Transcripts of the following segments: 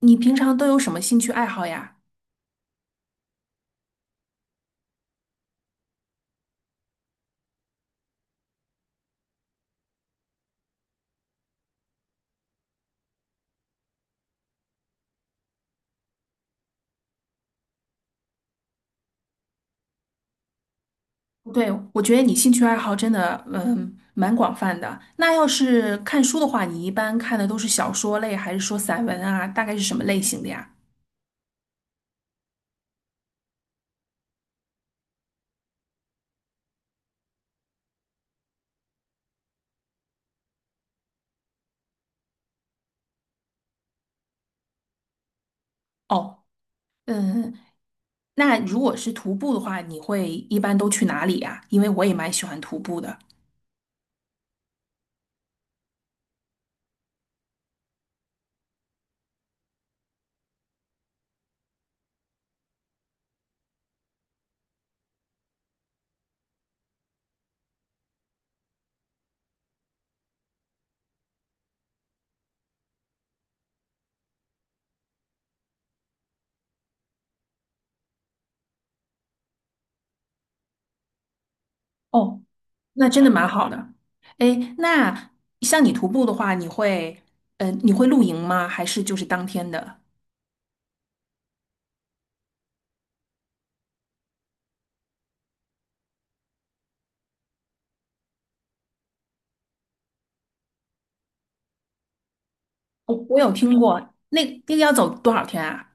你平常都有什么兴趣爱好呀？对，我觉得你兴趣爱好真的，蛮广泛的。那要是看书的话，你一般看的都是小说类，还是说散文啊？大概是什么类型的呀？哦，嗯。那如果是徒步的话，你会一般都去哪里呀？因为我也蛮喜欢徒步的。哦，那真的蛮好的。哎，那像你徒步的话，你会露营吗？还是就是当天的？我有听过，那个要走多少天啊？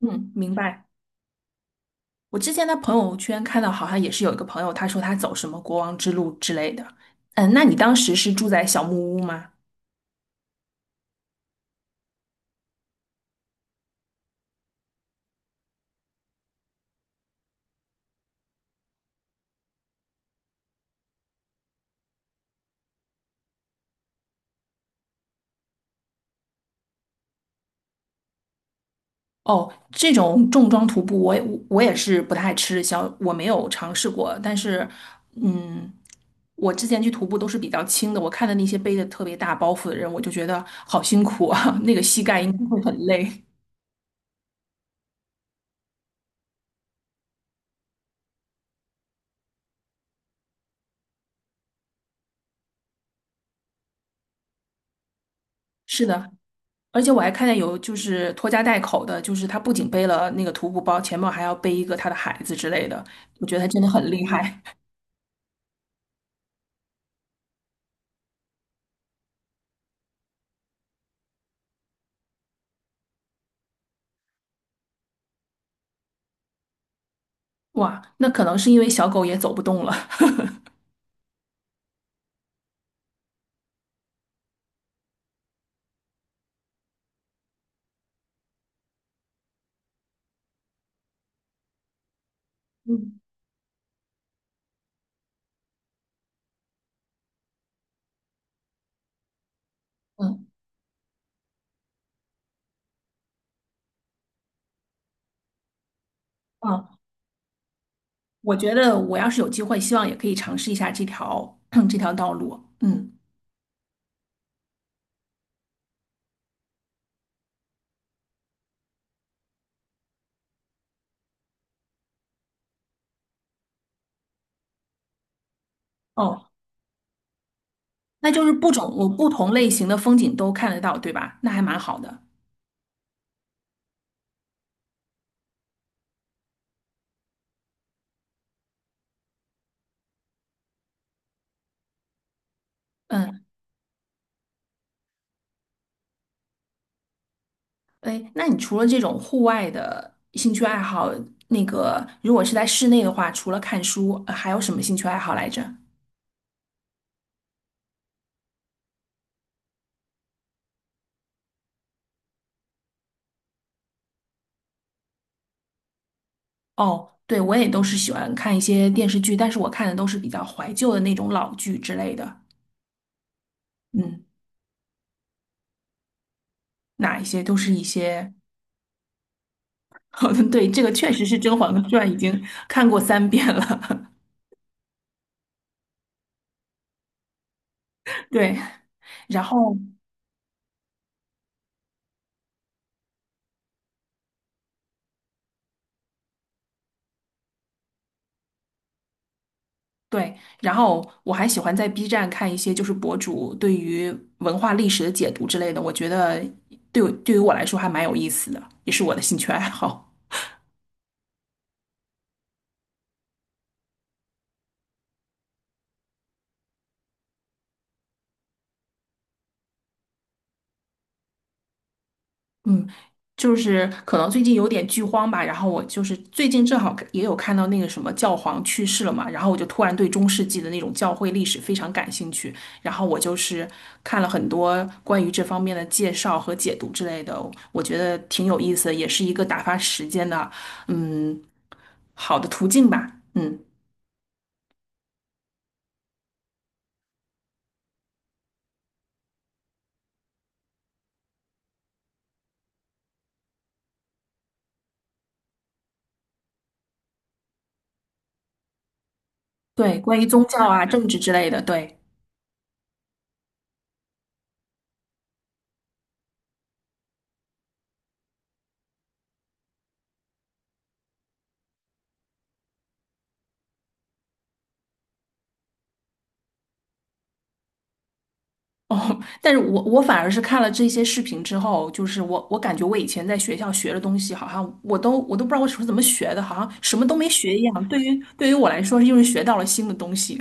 嗯，明白。我之前在朋友圈看到，好像也是有一个朋友，他说他走什么国王之路之类的。嗯，那你当时是住在小木屋吗？哦，这种重装徒步我也，我也是不太吃小，我没有尝试过。但是，嗯，我之前去徒步都是比较轻的，我看的那些背的特别大包袱的人，我就觉得好辛苦啊，那个膝盖应该会很累。是的，而且我还看见有就是拖家带口的，就是他不仅背了那个徒步包，前面还要背一个他的孩子之类的，我觉得他真的很厉害。哇，那可能是因为小狗也走不动了。嗯嗯嗯，我觉得我要是有机会，希望也可以尝试一下这条 这条道路。嗯。哦，那就是不种我不同类型的风景都看得到，对吧？那还蛮好的。嗯。哎，那你除了这种户外的兴趣爱好，那个如果是在室内的话，除了看书，还有什么兴趣爱好来着？哦，对，我也都是喜欢看一些电视剧，但是我看的都是比较怀旧的那种老剧之类的。嗯，哪一些都是一些。好的，对，这个确实是《甄嬛传》已经看过3遍了。对，然后。对，然后我还喜欢在 B 站看一些就是博主对于文化历史的解读之类的，我觉得对于我来说还蛮有意思的，也是我的兴趣爱好。嗯，就是可能最近有点剧荒吧，然后我就是最近正好也有看到那个什么教皇去世了嘛，然后我就突然对中世纪的那种教会历史非常感兴趣，然后我就是看了很多关于这方面的介绍和解读之类的，我觉得挺有意思的，也是一个打发时间的。嗯，好的途径吧。嗯，对，关于宗教啊、政治之类的，对。哦，但是我反而是看了这些视频之后，就是我感觉我以前在学校学的东西，好像我都不知道我是怎么学的，好像什么都没学一样。对于我来说，又是学到了新的东西。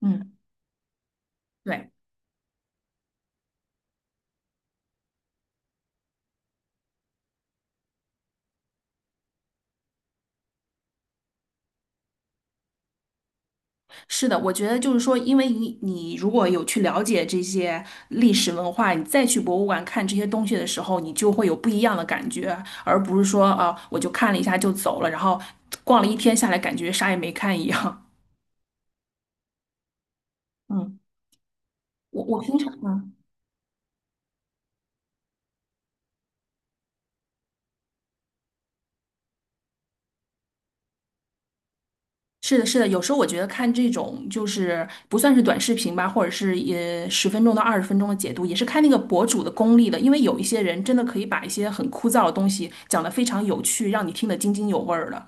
嗯，对。是的，我觉得就是说，因为你如果有去了解这些历史文化，你再去博物馆看这些东西的时候，你就会有不一样的感觉，而不是说啊、我就看了一下就走了，然后逛了一天下来，感觉啥也没看一样。嗯，我我平常嗯，是的，是的，有时候我觉得看这种就是不算是短视频吧，或者是也10分钟到20分钟的解读，也是看那个博主的功力的，因为有一些人真的可以把一些很枯燥的东西讲得非常有趣，让你听得津津有味儿的。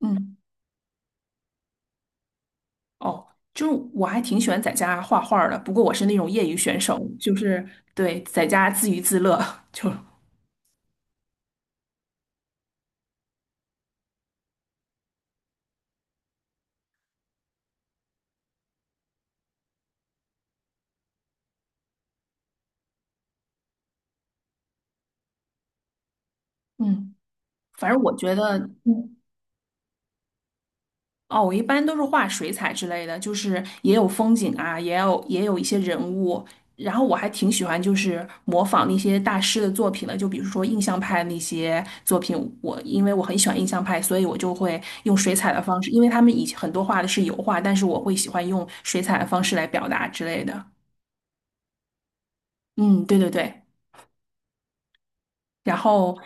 嗯。哦，就是我还挺喜欢在家画画儿的，不过我是那种业余选手，就是对在家自娱自乐。就嗯，反正我觉得，嗯，哦，我一般都是画水彩之类的，就是也有风景啊，也有一些人物，然后我还挺喜欢就是模仿那些大师的作品的，就比如说印象派那些作品，因为我很喜欢印象派，所以我就会用水彩的方式，因为他们以前很多画的是油画，但是我会喜欢用水彩的方式来表达之类的。嗯，对对对。然后，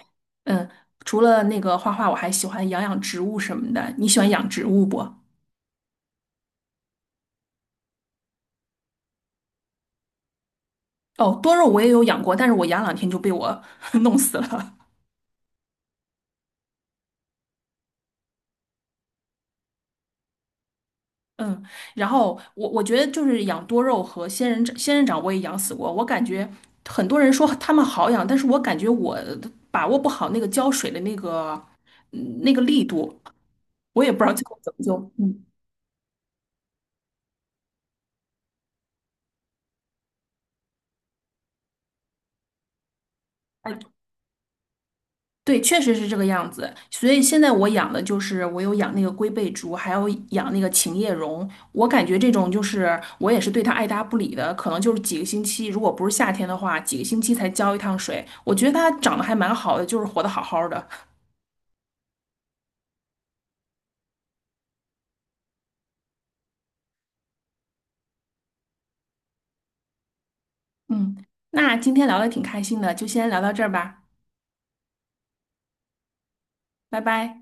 嗯，除了那个画画，我还喜欢养养植物什么的。你喜欢养植物不？哦，多肉我也有养过，但是我养2天就被我 弄死了。嗯，然后我觉得就是养多肉和仙人掌，仙人掌我也养死过。我感觉很多人说他们好养，但是我感觉我把握不好那个浇水的那个那个力度，我也不知道最后怎么就。哎对，确实是这个样子。所以现在我养的就是我有养那个龟背竹，还有养那个琴叶榕。我感觉这种就是我也是对它爱搭不理的，可能就是几个星期，如果不是夏天的话，几个星期才浇一趟水。我觉得它长得还蛮好的，就是活得好好的。嗯，那今天聊的挺开心的，就先聊到这儿吧，拜拜。